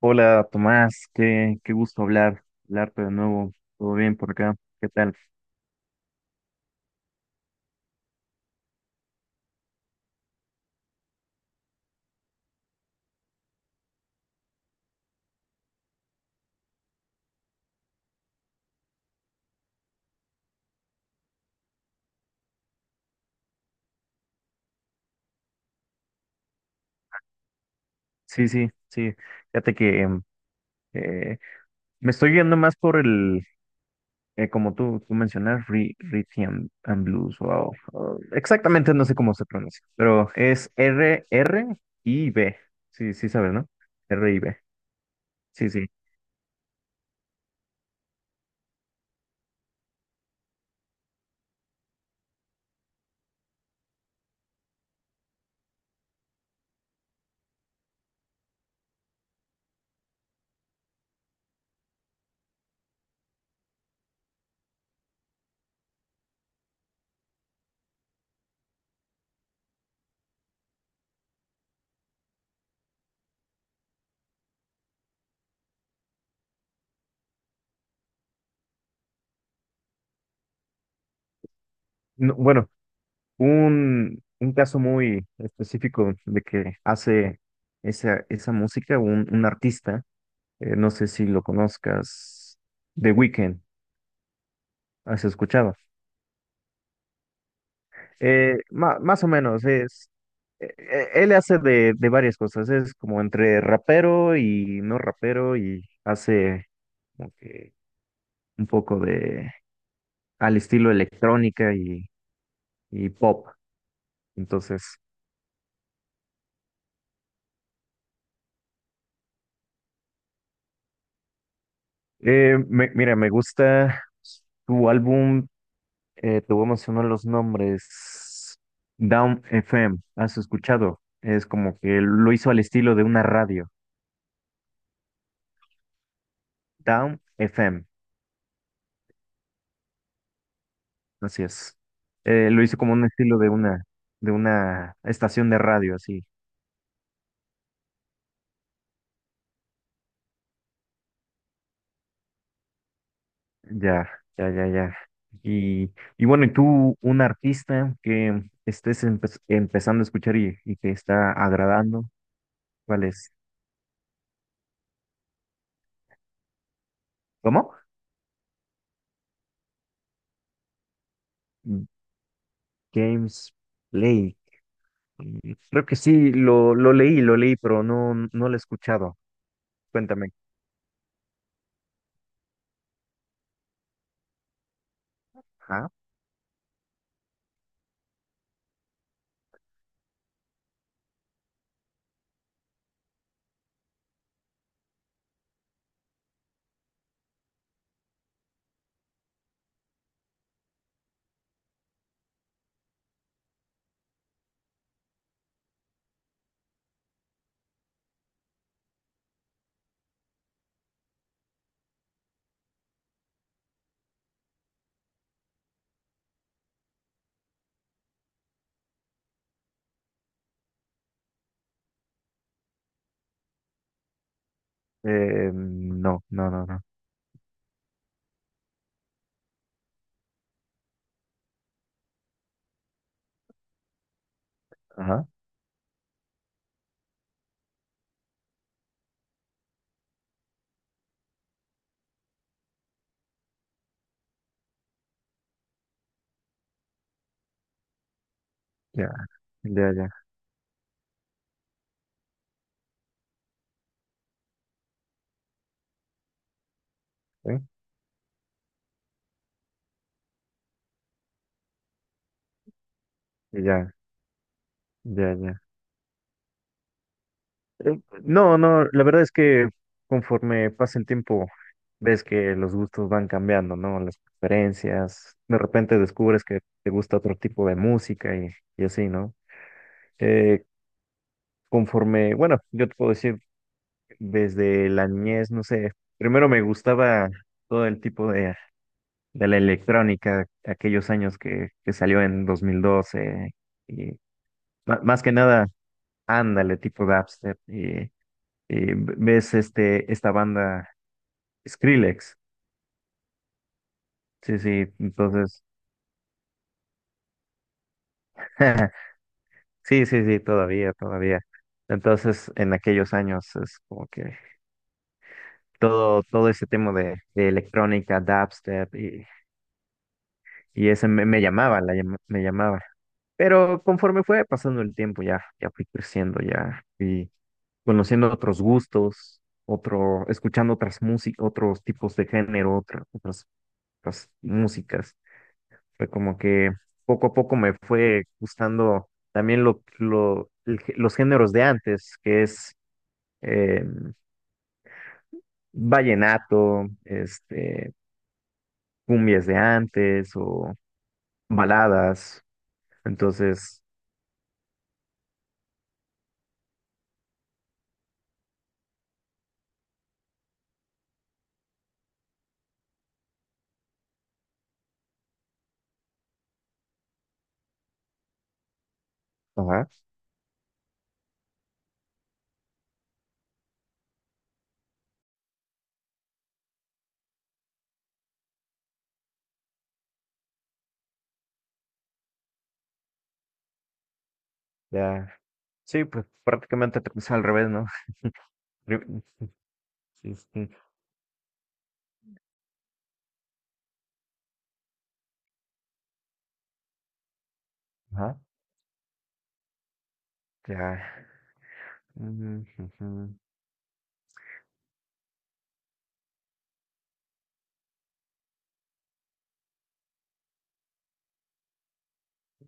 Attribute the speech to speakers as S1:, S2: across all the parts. S1: Hola Tomás, qué gusto hablarte de nuevo. ¿Todo bien por acá? ¿Qué tal? Sí, sí, sí. Fíjate que eh, me estoy yendo más por como tú mencionas, Rhythm and Blues, wow. Ah, exactamente no sé cómo se pronuncia, pero es R y B. Sí, sí sabes, ¿no? R y B. Sí, sí. No, bueno, un caso muy específico de que hace esa música un artista. No sé si lo conozcas, The Weeknd, ¿has escuchado? Más o menos, él hace de varias cosas, es como entre rapero y no rapero y hace como que un poco de al estilo electrónica y pop. Entonces, mira, me gusta tu álbum, te voy a mencionar los nombres, Down FM, ¿has escuchado? Es como que lo hizo al estilo de una radio. Down FM, así es. Lo hizo como un estilo de de una estación de radio, así. Ya, ya, ya, ya. Y bueno, ¿y tú, un artista que estés empezando a escuchar y que está agradando? ¿Cuál es? ¿Cómo? James Blake. Mm, creo que sí, lo leí, pero no, no lo he escuchado. Cuéntame. Ajá. No, no, no, no. Ajá. Ya, ya, ya. ¿Eh? Ya, ya, ya. No, no, la verdad es que conforme pasa el tiempo, ves que los gustos van cambiando, ¿no? Las preferencias, de repente descubres que te gusta otro tipo de música y así, ¿no? Eh, conforme, bueno, yo te puedo decir, desde la niñez, no sé, primero me gustaba todo el tipo de la electrónica, aquellos años que salió en 2012 y más que nada, ándale, tipo dubstep, y ves este, esta banda Skrillex, sí, sí, entonces, sí, sí, sí, todavía, todavía. Entonces, en aquellos años es como que todo ese tema de electrónica, dubstep y ese me llamaba, me llamaba. Pero conforme fue pasando el tiempo, ya, ya fui creciendo, ya fui conociendo otros gustos, otro, escuchando otras músicas, otros tipos de género, otras músicas. Fue como que poco a poco me fue gustando también los géneros de antes, que es eh, vallenato, este, cumbias de antes o baladas. Entonces, ajá, ya, sí, pues prácticamente te puse al revés, ¿no? Pri- sí, sí, ajá, ya. Ujú, ujú.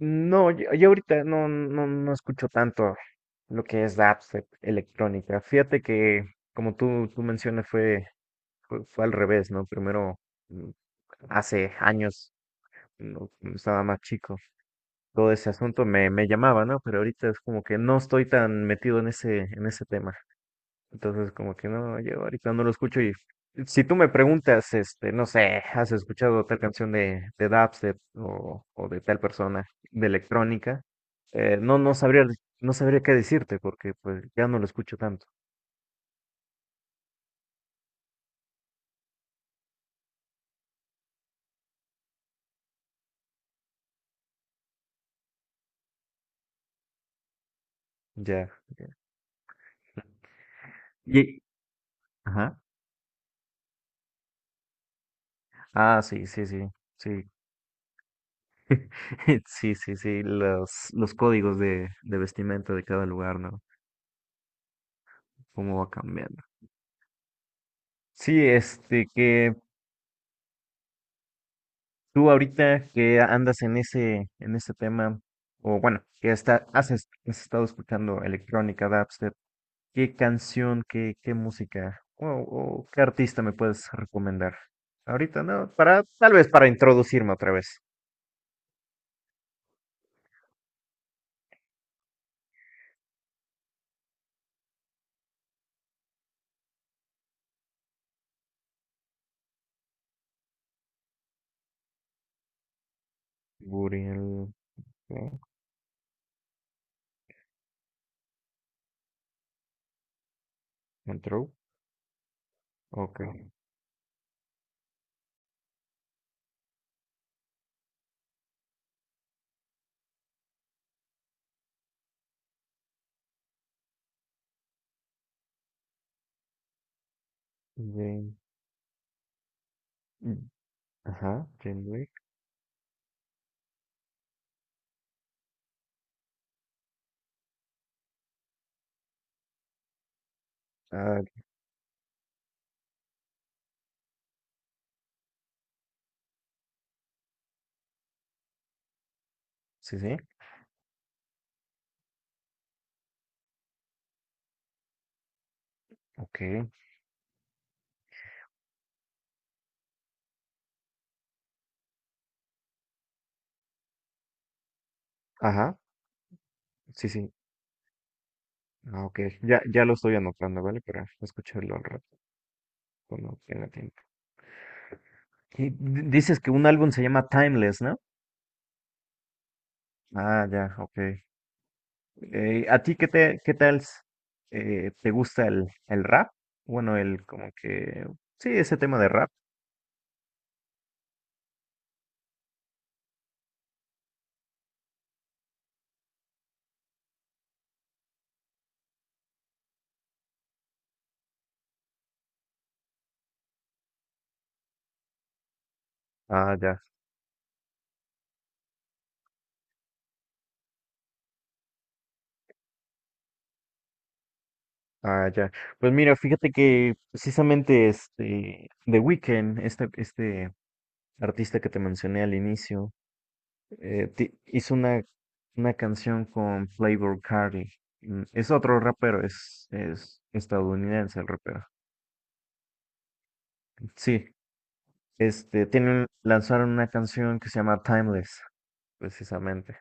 S1: No, yo ahorita no, no, no escucho tanto lo que es dubstep electrónica. Fíjate que, como tú mencionas, fue al revés, ¿no? Primero, mm, hace años, no, cuando estaba más chico, todo ese asunto me llamaba, ¿no? Pero ahorita es como que no estoy tan metido en ese tema. Entonces, como que no, yo ahorita no lo escucho y si tú me preguntas, este, no sé, ¿has escuchado tal canción de Dubstep o de tal persona de electrónica? No, no sabría, no sabría qué decirte porque pues ya no lo escucho tanto. Ya, ya. Y, ajá. Ah, sí, sí, sí, sí. Sí, sí, sí, los códigos de vestimenta de cada lugar, ¿no? Cómo va cambiando. Sí, este, que tú ahorita que andas en ese tema, o bueno, que está, has estado escuchando electrónica, dubstep, ¿qué canción, qué música o qué artista me puedes recomendar? Ahorita no, para, tal vez para introducirme otra vez. Burial, ¿qué? Control, ok. Jane- mm, ajá, Jane Drake, ah, sí, sí, ok, ajá, sí, sí, ah, ok, ya, ya lo estoy anotando, ¿vale? Para escucharlo al rato, cuando tenga tiempo. Y dices que un álbum se llama Timeless, ¿no? Ah, ya, ok. ¿A ti qué te, te gusta el rap? Bueno, el como que sí, ese tema de rap. Ah, ya, ah, ya. Pues mira, fíjate que precisamente este The Weeknd, este artista que te mencioné al inicio, hizo una canción con Playboi Carti. Mm, es otro rapero, es estadounidense el rapero. Sí, este, tienen, lanzaron una canción que se llama Timeless, precisamente.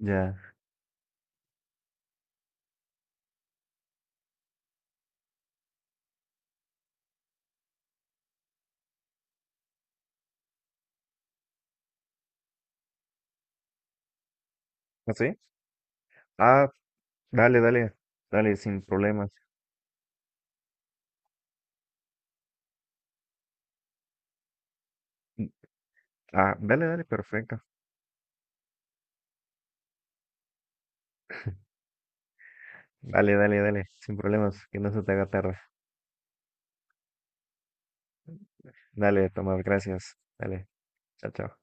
S1: Ya. ¿Así? Ah, dale, dale, dale, sin problemas. Mm, ah, dale, dale, perfecto. Dale, dale, dale, sin problemas, que no se te haga tarde. Dale, Tomás, gracias. Dale, chao, chao.